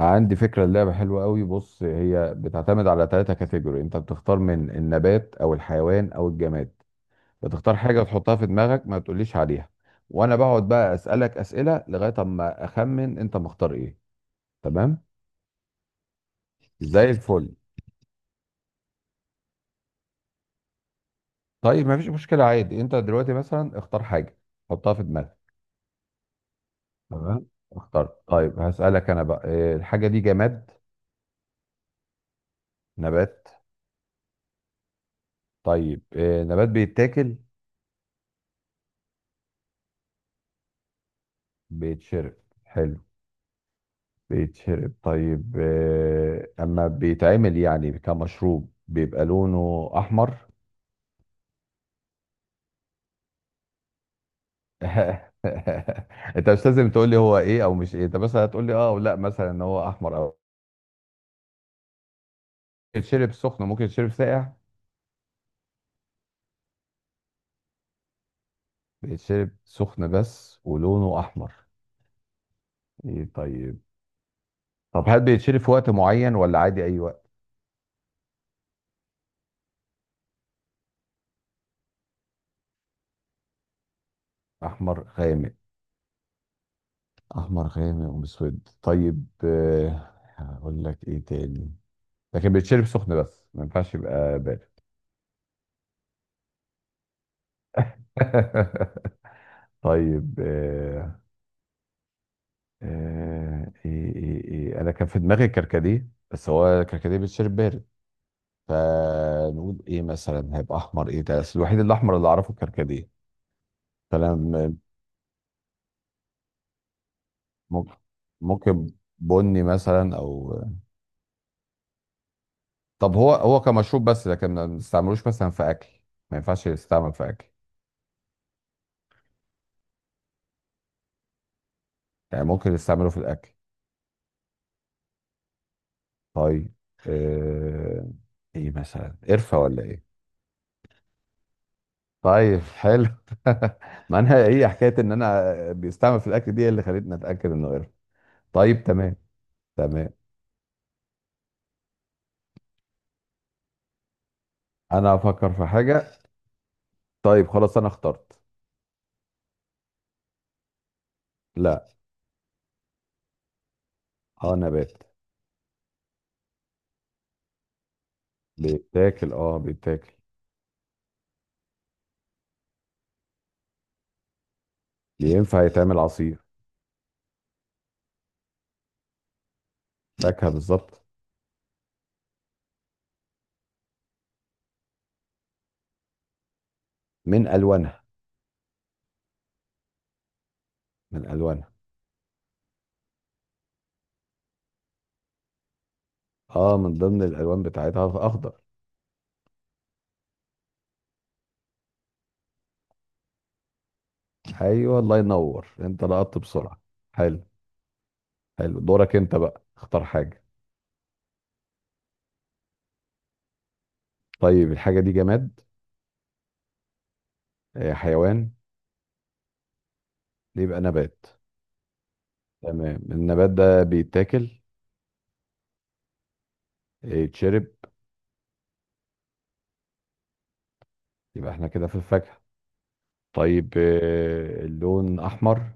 عندي فكرة. اللعبة حلوة قوي. بص، هي بتعتمد على ثلاثة كاتيجوري. انت بتختار من النبات او الحيوان او الجماد. بتختار حاجة تحطها في دماغك، ما تقوليش عليها. وانا بقعد بقى اسألك اسئلة لغاية اما اخمن انت مختار ايه. تمام. زي الفل. طيب، ما فيش مشكلة. عادي، انت دلوقتي مثلا اختار حاجة، حطها في دماغك. تمام. اختار. طيب، هسألك انا بقى. الحاجة دي جماد؟ نبات؟ طيب. نبات بيتاكل؟ بيتشرب. حلو. بيتشرب. طيب، اما بيتعمل يعني كمشروب بيبقى لونه احمر. انت مش لازم تقول لي هو ايه او مش ايه. انت بس هتقول لي اه او لا، مثلا ان هو احمر او. بيتشرب سخن؟ ممكن يتشرب ساقع؟ بيتشرب سخن بس ولونه احمر. ايه طيب. طب هل بيتشرب في وقت معين ولا عادي اي وقت؟ احمر غامق. احمر غامق ومسود. طيب. هقول لك ايه تاني. لكن بيتشرب سخن بس، ما ينفعش يبقى بارد. طيب. إيه إيه إيه أنا كان في دماغي كركديه، بس هو كركديه بيتشرب بارد. فنقول إيه مثلا؟ هيبقى أحمر إيه؟ ده أصل الوحيد الأحمر اللي أعرفه الكركديه. فأنا م- ممكن. ممكن بني مثلا أو. طب هو كمشروب بس لكن ما نستعملوش مثلا في أكل؟ ما ينفعش يستعمل في أكل؟ يعني ممكن نستعمله في الأكل؟ طيب. آه إيه مثلا؟ قرفة ولا إيه؟ طيب، حلو. ما انا هي حكايه ان انا، بيستعمل في الاكل دي اللي خلتني اتاكد انه قرد. طيب. تمام. تمام، انا هفكر في حاجه. طيب خلاص، انا اخترت. لا. اه، نبات. بيتاكل. اه، بيتاكل. ينفع يتعمل عصير. فاكهه بالظبط. من الوانها. من الوانها. اه، من ضمن الالوان بتاعتها اخضر. ايوه، الله ينور، انت لقطت بسرعه. حلو. حلو. دورك انت بقى، اختار حاجه. طيب، الحاجه دي جماد؟ حيوان؟ يبقى نبات. تمام. النبات ده بيتاكل؟ يتشرب؟ يبقى احنا كده في الفاكهة. طيب. اللون أحمر؟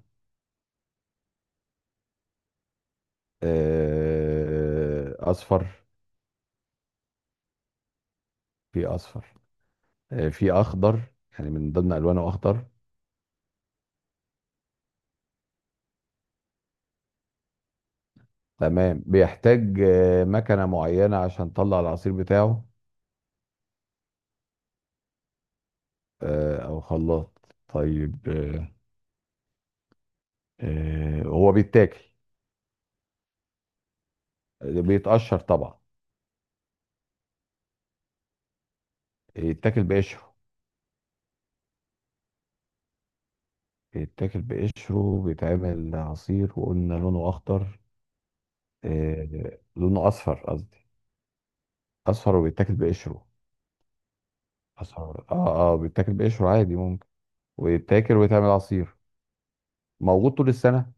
أصفر؟ في أصفر. في أخضر؟ يعني من ضمن ألوانه أخضر. تمام. بيحتاج مكنة معينة عشان تطلع العصير بتاعه؟ أو خلاط. طيب. هو بيتاكل؟ بيتقشر طبعا؟ يتاكل بقشره؟ يتاكل بقشره. بيتعمل عصير. وقلنا لونه أخضر. لونه اصفر قصدي. اصفر وبيتاكل بقشره. اصفر، اه. اه، بيتاكل بقشره عادي ممكن. ويتاكل ويتعمل عصير. موجود طول السنه؟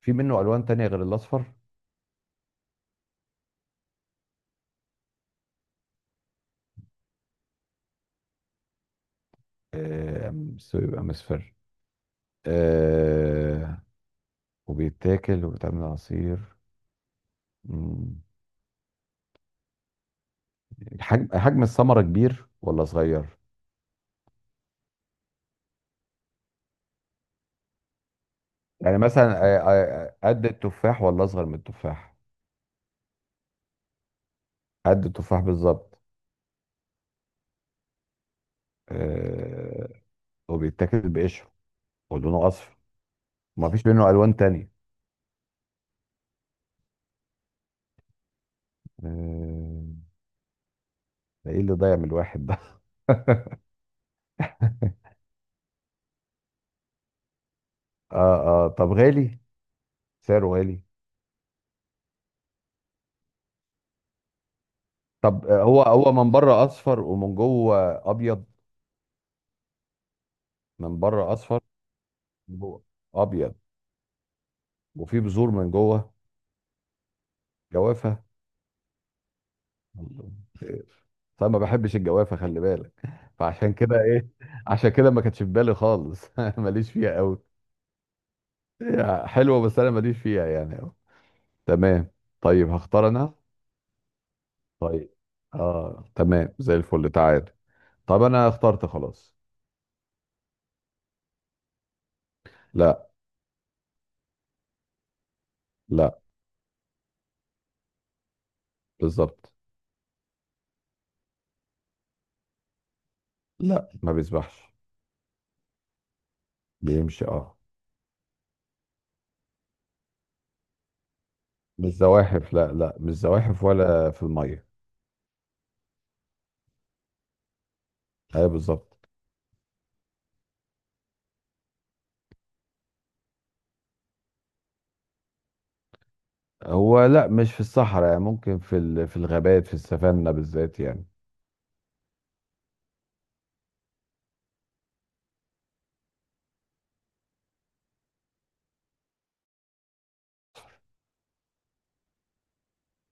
في منه الوان تانية غير الاصفر؟ بيبقى مصفر. آه وبيتاكل وبيتعمل عصير. مم. حجم الثمره كبير ولا صغير؟ يعني مثلا قد التفاح ولا اصغر من التفاح؟ قد التفاح بالظبط. آه وبيتاكل بقشره. ولونه اصفر. ومفيش منه الوان تانية. آه، ده ايه اللي ضيع من الواحد ده. اه. اه، طب غالي؟ سعره غالي؟ طب، هو من بره اصفر ومن جوه ابيض؟ من بره اصفر. من جوه ابيض. وفي بذور من جوه. جوافه. الله. آه، طب ما بحبش الجوافه، خلي بالك. فعشان كده ايه، عشان كده ما كانتش في بالي خالص. ماليش فيها قوي. هي حلوه بس انا ماليش فيها يعني قوي. تمام. طيب هختار انا. طيب. اه، تمام. زي الفل. تعال. طب انا اخترت خلاص. لا. لا. بالظبط. لا، ما بيسبحش. بيمشي، اه. مش زواحف. لا، لا، مش زواحف ولا في الميه. ايوه بالظبط. هو لا، مش في الصحراء. يعني ممكن في الغابات، في السافانا بالذات يعني.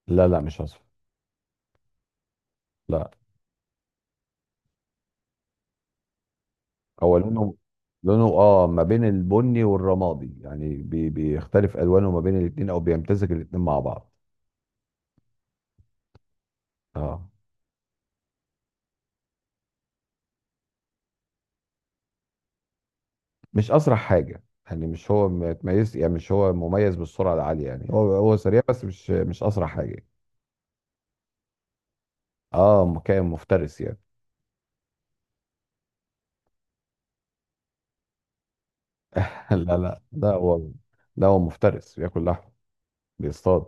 لا، لا، مش اصفر. لا. هو لونه، ما بين البني والرمادي. يعني بيختلف الوانه ما بين الاتنين، او بيمتزج الاتنين مع بعض. اه، مش اسرع حاجه. يعني مش هو متميز يعني، مش هو مميز بالسرعه العاليه. يعني هو سريع بس مش اسرع حاجه. اه، كائن مفترس يعني. لا، لا، ده هو. مفترس بياكل لحم. بيصطاد.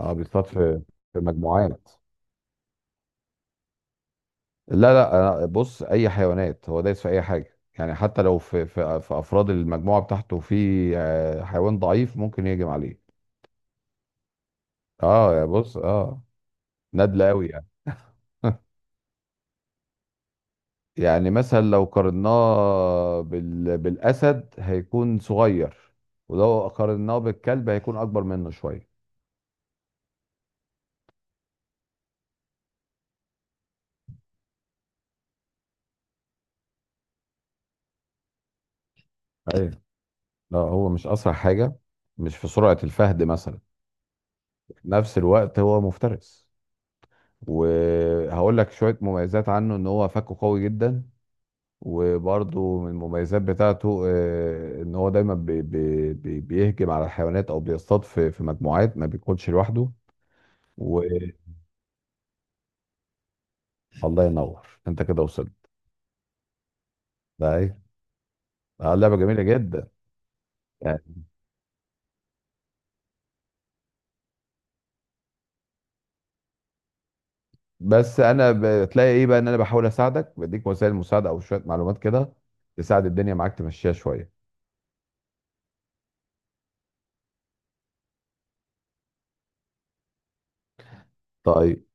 اه، بيصطاد في مجموعات. لا، لا، بص، اي حيوانات. هو دايس في اي حاجه يعني، حتى لو في افراد المجموعه بتاعته في. حيوان ضعيف ممكن يهجم عليه. اه، يا، بص، اه. نادلة قوي يعني. يعني مثلا لو قارناه بالاسد هيكون صغير. ولو قارناه بالكلب هيكون اكبر منه شويه. لا، هو مش اسرع حاجه. مش في سرعه الفهد مثلا. في نفس الوقت هو مفترس. وهقول لك شويه مميزات عنه، ان هو فكه قوي جدا. وبرضه من المميزات بتاعته، ان هو دايما بي بي بي بيهجم على الحيوانات او بيصطاد في مجموعات، ما بيكونش لوحده. والله ينور، انت كده وصلت. ده ايه؟ لعبه جميله جدا يعني. بس انا، بتلاقي ايه بقى، ان انا بحاول اساعدك، بديك وسائل مساعده او شويه معلومات كده. تساعد الدنيا معاك تمشيها شويه. طيب.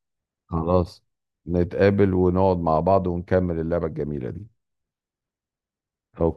خلاص. نتقابل ونقعد مع بعض ونكمل اللعبة الجميلة دي. أوكي.